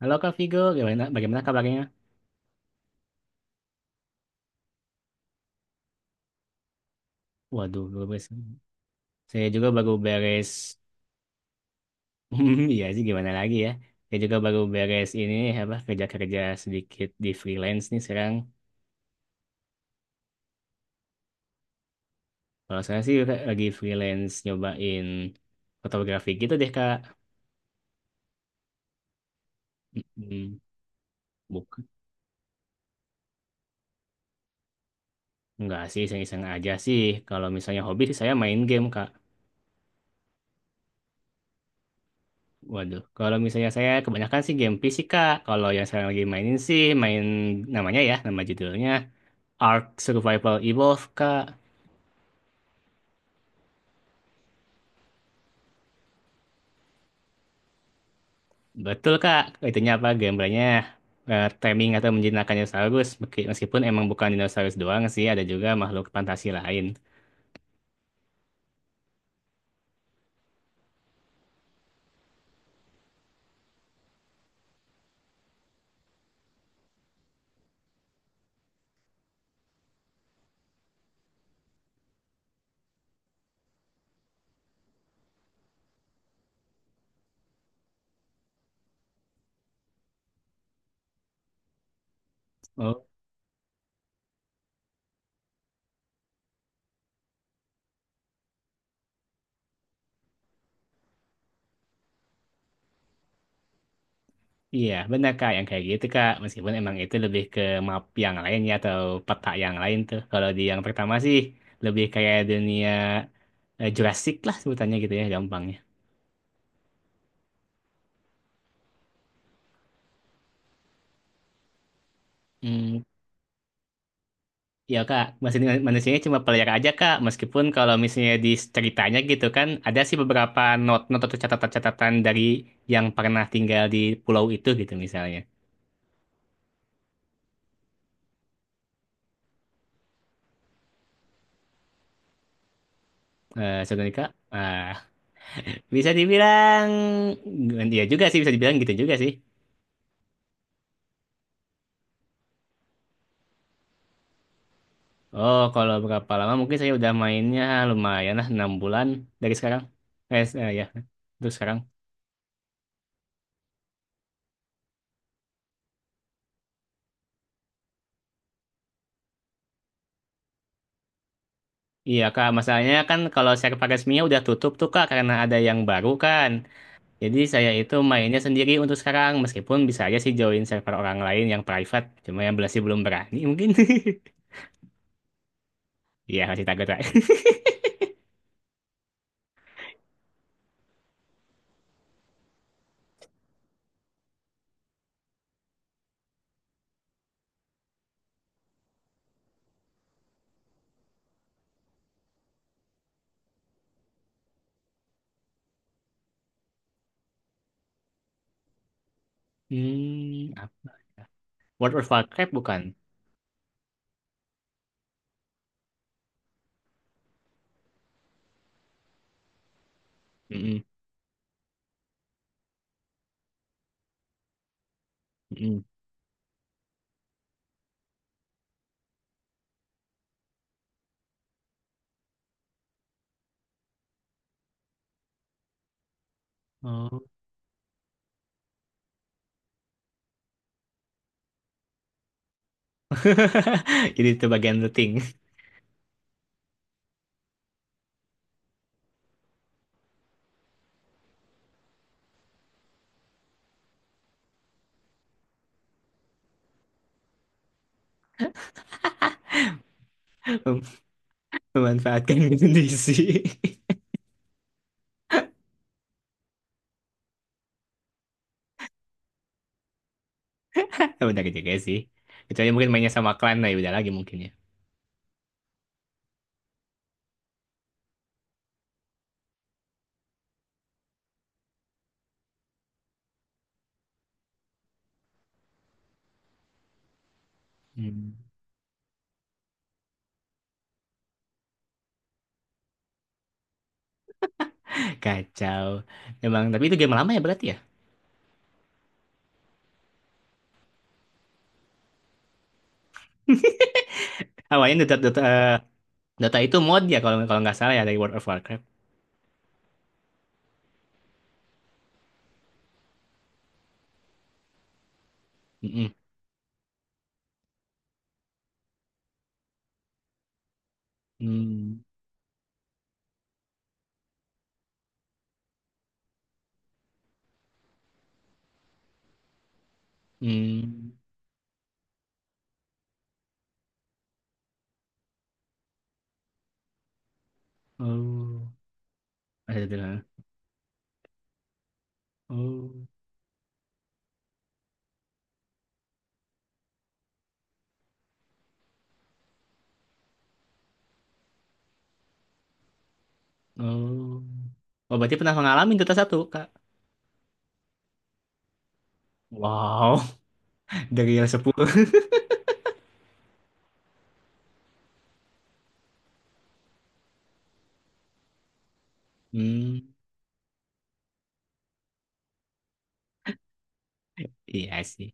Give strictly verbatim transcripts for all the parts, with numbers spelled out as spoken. Halo Kak Vigo, gimana, bagaimana kabarnya? Waduh, baru beres. Saya juga baru beres. Iya sih, gimana lagi ya? Saya juga baru beres ini apa kerja-kerja sedikit di freelance nih sekarang. Kalau saya sih lagi freelance nyobain fotografi gitu deh Kak. Mm. Bukan, enggak sih, iseng-iseng aja sih. Kalau misalnya hobi sih saya main game Kak. Waduh, kalau misalnya saya kebanyakan sih game fisika. Kalau yang saya lagi mainin sih main namanya ya, nama judulnya. Ark Survival Evolved, Kak. Betul, Kak. Itunya apa? Gambarnya eh, taming atau menjinakkan dinosaurus. Meski- Meskipun emang bukan dinosaurus doang sih, ada juga makhluk fantasi lain. Oh, iya. Benar, Kak. Yang kayak gitu, Kak. Meskipun emang itu lebih ke map yang lain ya, atau peta yang lain tuh. Kalau di yang pertama sih, lebih kayak dunia eh, Jurassic lah sebutannya gitu ya, gampangnya. Hmm, Ya kak, maksudnya manusianya cuma player aja kak, meskipun kalau misalnya di ceritanya gitu kan, ada sih beberapa not-not atau catatan-catatan dari yang pernah tinggal di pulau itu gitu misalnya. Eh sebenarnya kak, ah, bisa dibilang, ya juga sih bisa dibilang gitu juga sih. Oh, kalau berapa lama mungkin saya udah mainnya lumayan lah enam bulan dari sekarang. Eh, s- eh, ya, terus sekarang. Iya kak, masalahnya kan kalau server resminya udah tutup tuh kak karena ada yang baru kan. Jadi saya itu mainnya sendiri untuk sekarang, meskipun bisa aja sih join server orang lain yang private, cuma yang masih belum berani mungkin. Iya, masih takut lah. Hmm, apa? World of Warcraft bukan? Mm-mm, mm-mm. Oh, jadi itu bagian looting? Mem- memanfaatkan kondisi. Benar juga sih. Kecuali mungkin mainnya sama klan, nah ya udah lagi mungkin ya. Hmm. Kacau. Emang, tapi itu game lama ya berarti ya? Awalnya Dota, Dota, Dota itu mod ya kalau kalau nggak salah ya dari World of Warcraft. Mm-mm. Hmm. Hmm. Oh, ada sederhana. Oh, oh. Oh, berarti pernah mengalami Dota satu, Kak. Wow, dari yang sepuluh. Hmm, iya sih.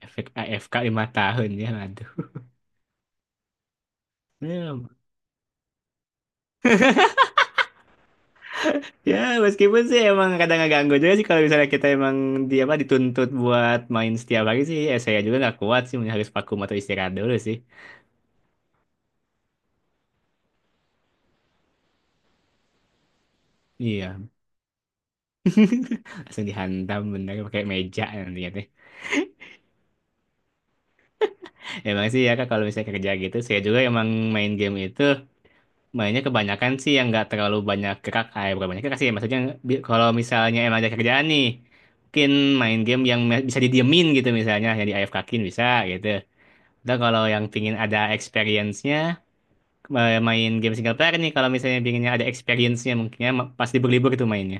Efek A F K lima tahun ya, aduh. Ya, ya, meskipun sih emang kadang agak ganggu juga sih kalau misalnya kita emang di apa dituntut buat main setiap hari sih, ya saya juga nggak kuat sih, mungkin harus vakum atau istirahat dulu sih. Iya, langsung dihantam bener pakai meja nanti ya. Emang sih ya kak kalau misalnya kerja gitu, saya juga emang main game itu. Mainnya kebanyakan sih yang nggak terlalu banyak gerak, eh bukan banyak gerak sih, ya, maksudnya bi- kalau misalnya emang ada kerjaan nih, mungkin main game yang me- bisa didiemin gitu misalnya, yang di A F K-kin bisa gitu. Dan kalau yang pingin ada experience-nya, eh, main game single player nih, kalau misalnya pinginnya ada experience-nya mungkinnya ma- pas libur-libur tuh mainnya.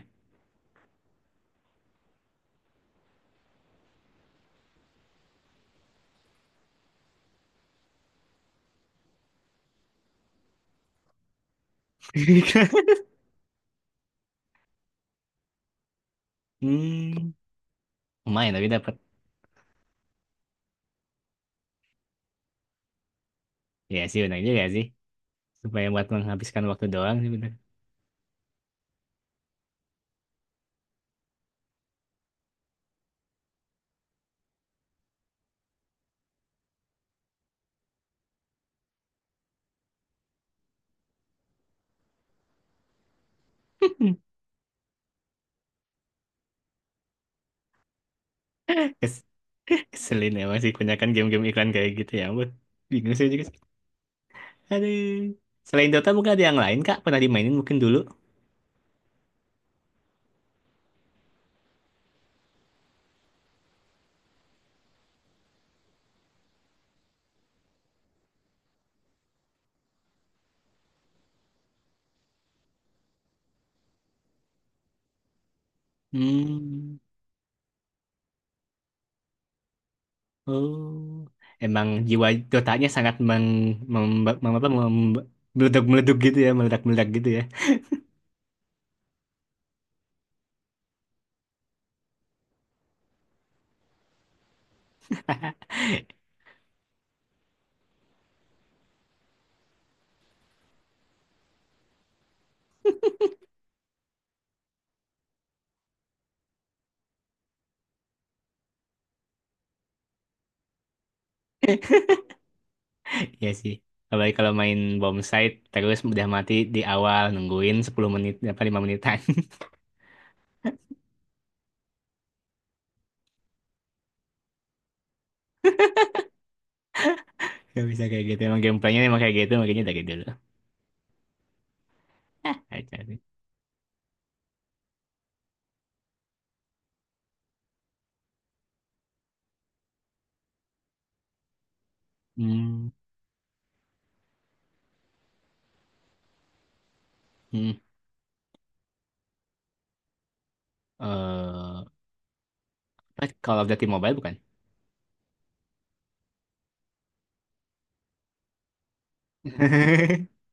Hmm, lumayan tapi dapat. Ya sih benar juga sih. Supaya buat menghabiskan waktu doang sih benar. Kes- Keselin emang sih kebanyakan game-game iklan kayak gitu ya ampun. Bingung sih juga. Aduh. Selain Dota mungkin ada yang lain Kak? Pernah dimainin mungkin dulu? Hmm. Oh. Emang jiwa Dotanya sangat meng, mem, mem- apa, mem, meledak-meledak gitu ya, meledak-meledak gitu ya. Iya sih. Apalagi kalau main bom site terus udah mati di awal nungguin sepuluh menit apa lima menitan. Gak bisa kayak gitu. Emang gameplaynya emang kayak gitu makanya dari dulu. Hah, kacau sih. Hmm. Hmm. Eh, apa, Call of Duty Mobile bukan?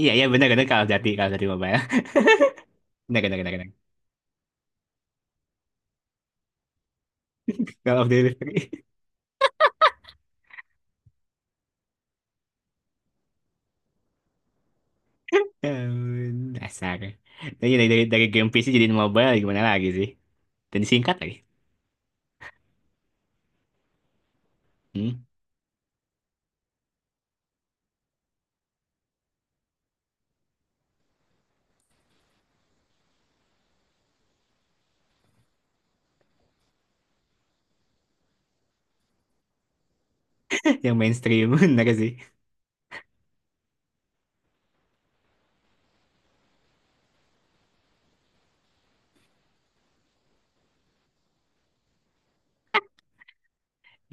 Iya, iya benar benar Call of Duty, Call of Duty Mobile. Benar benar benar. Benar. Gak update listrik. Ya ampun, dasar. Tapi dari, dari, dari game P C jadiin mobile gimana lagi sih? Dan disingkat lagi. Hmm? Yang mainstream bener sih.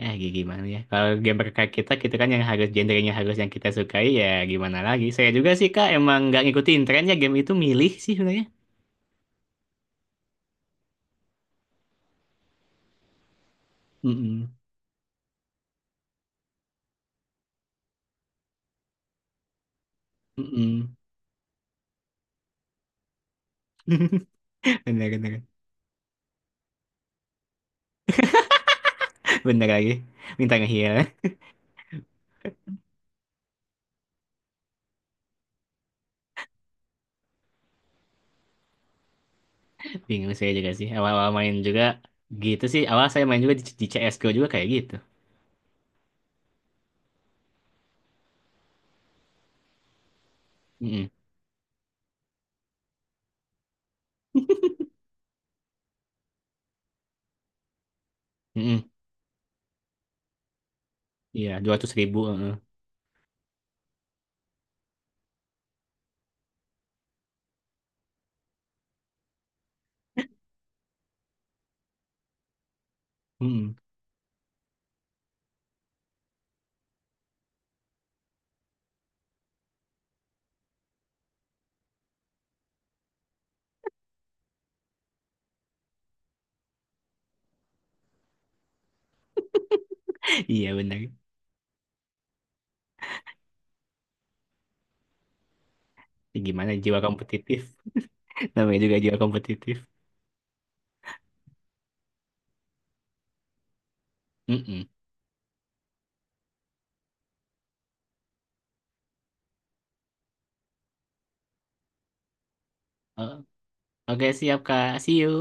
Ya gi- gimana ya. Kalau game berkait kita, kita kan yang harus genrenya harus yang kita sukai ya gimana lagi. Saya juga sih Kak emang nggak ngikutin trennya game itu milih sih sebenarnya. Mm-mm. Mm-mm. Bener, bener. Bener lagi. Minta ngehil. Bingung saya juga sih. Awal-awal main juga gitu sih. Awal saya main juga di, di, C S G O juga kayak gitu. Mm-mm. Mm-mm. Iya, dua ratus ribu. Mm-mm. Iya benar. Gimana jiwa kompetitif? Namanya juga jiwa kompetitif. Mm-mm. Oh, oke siap Kak. See you.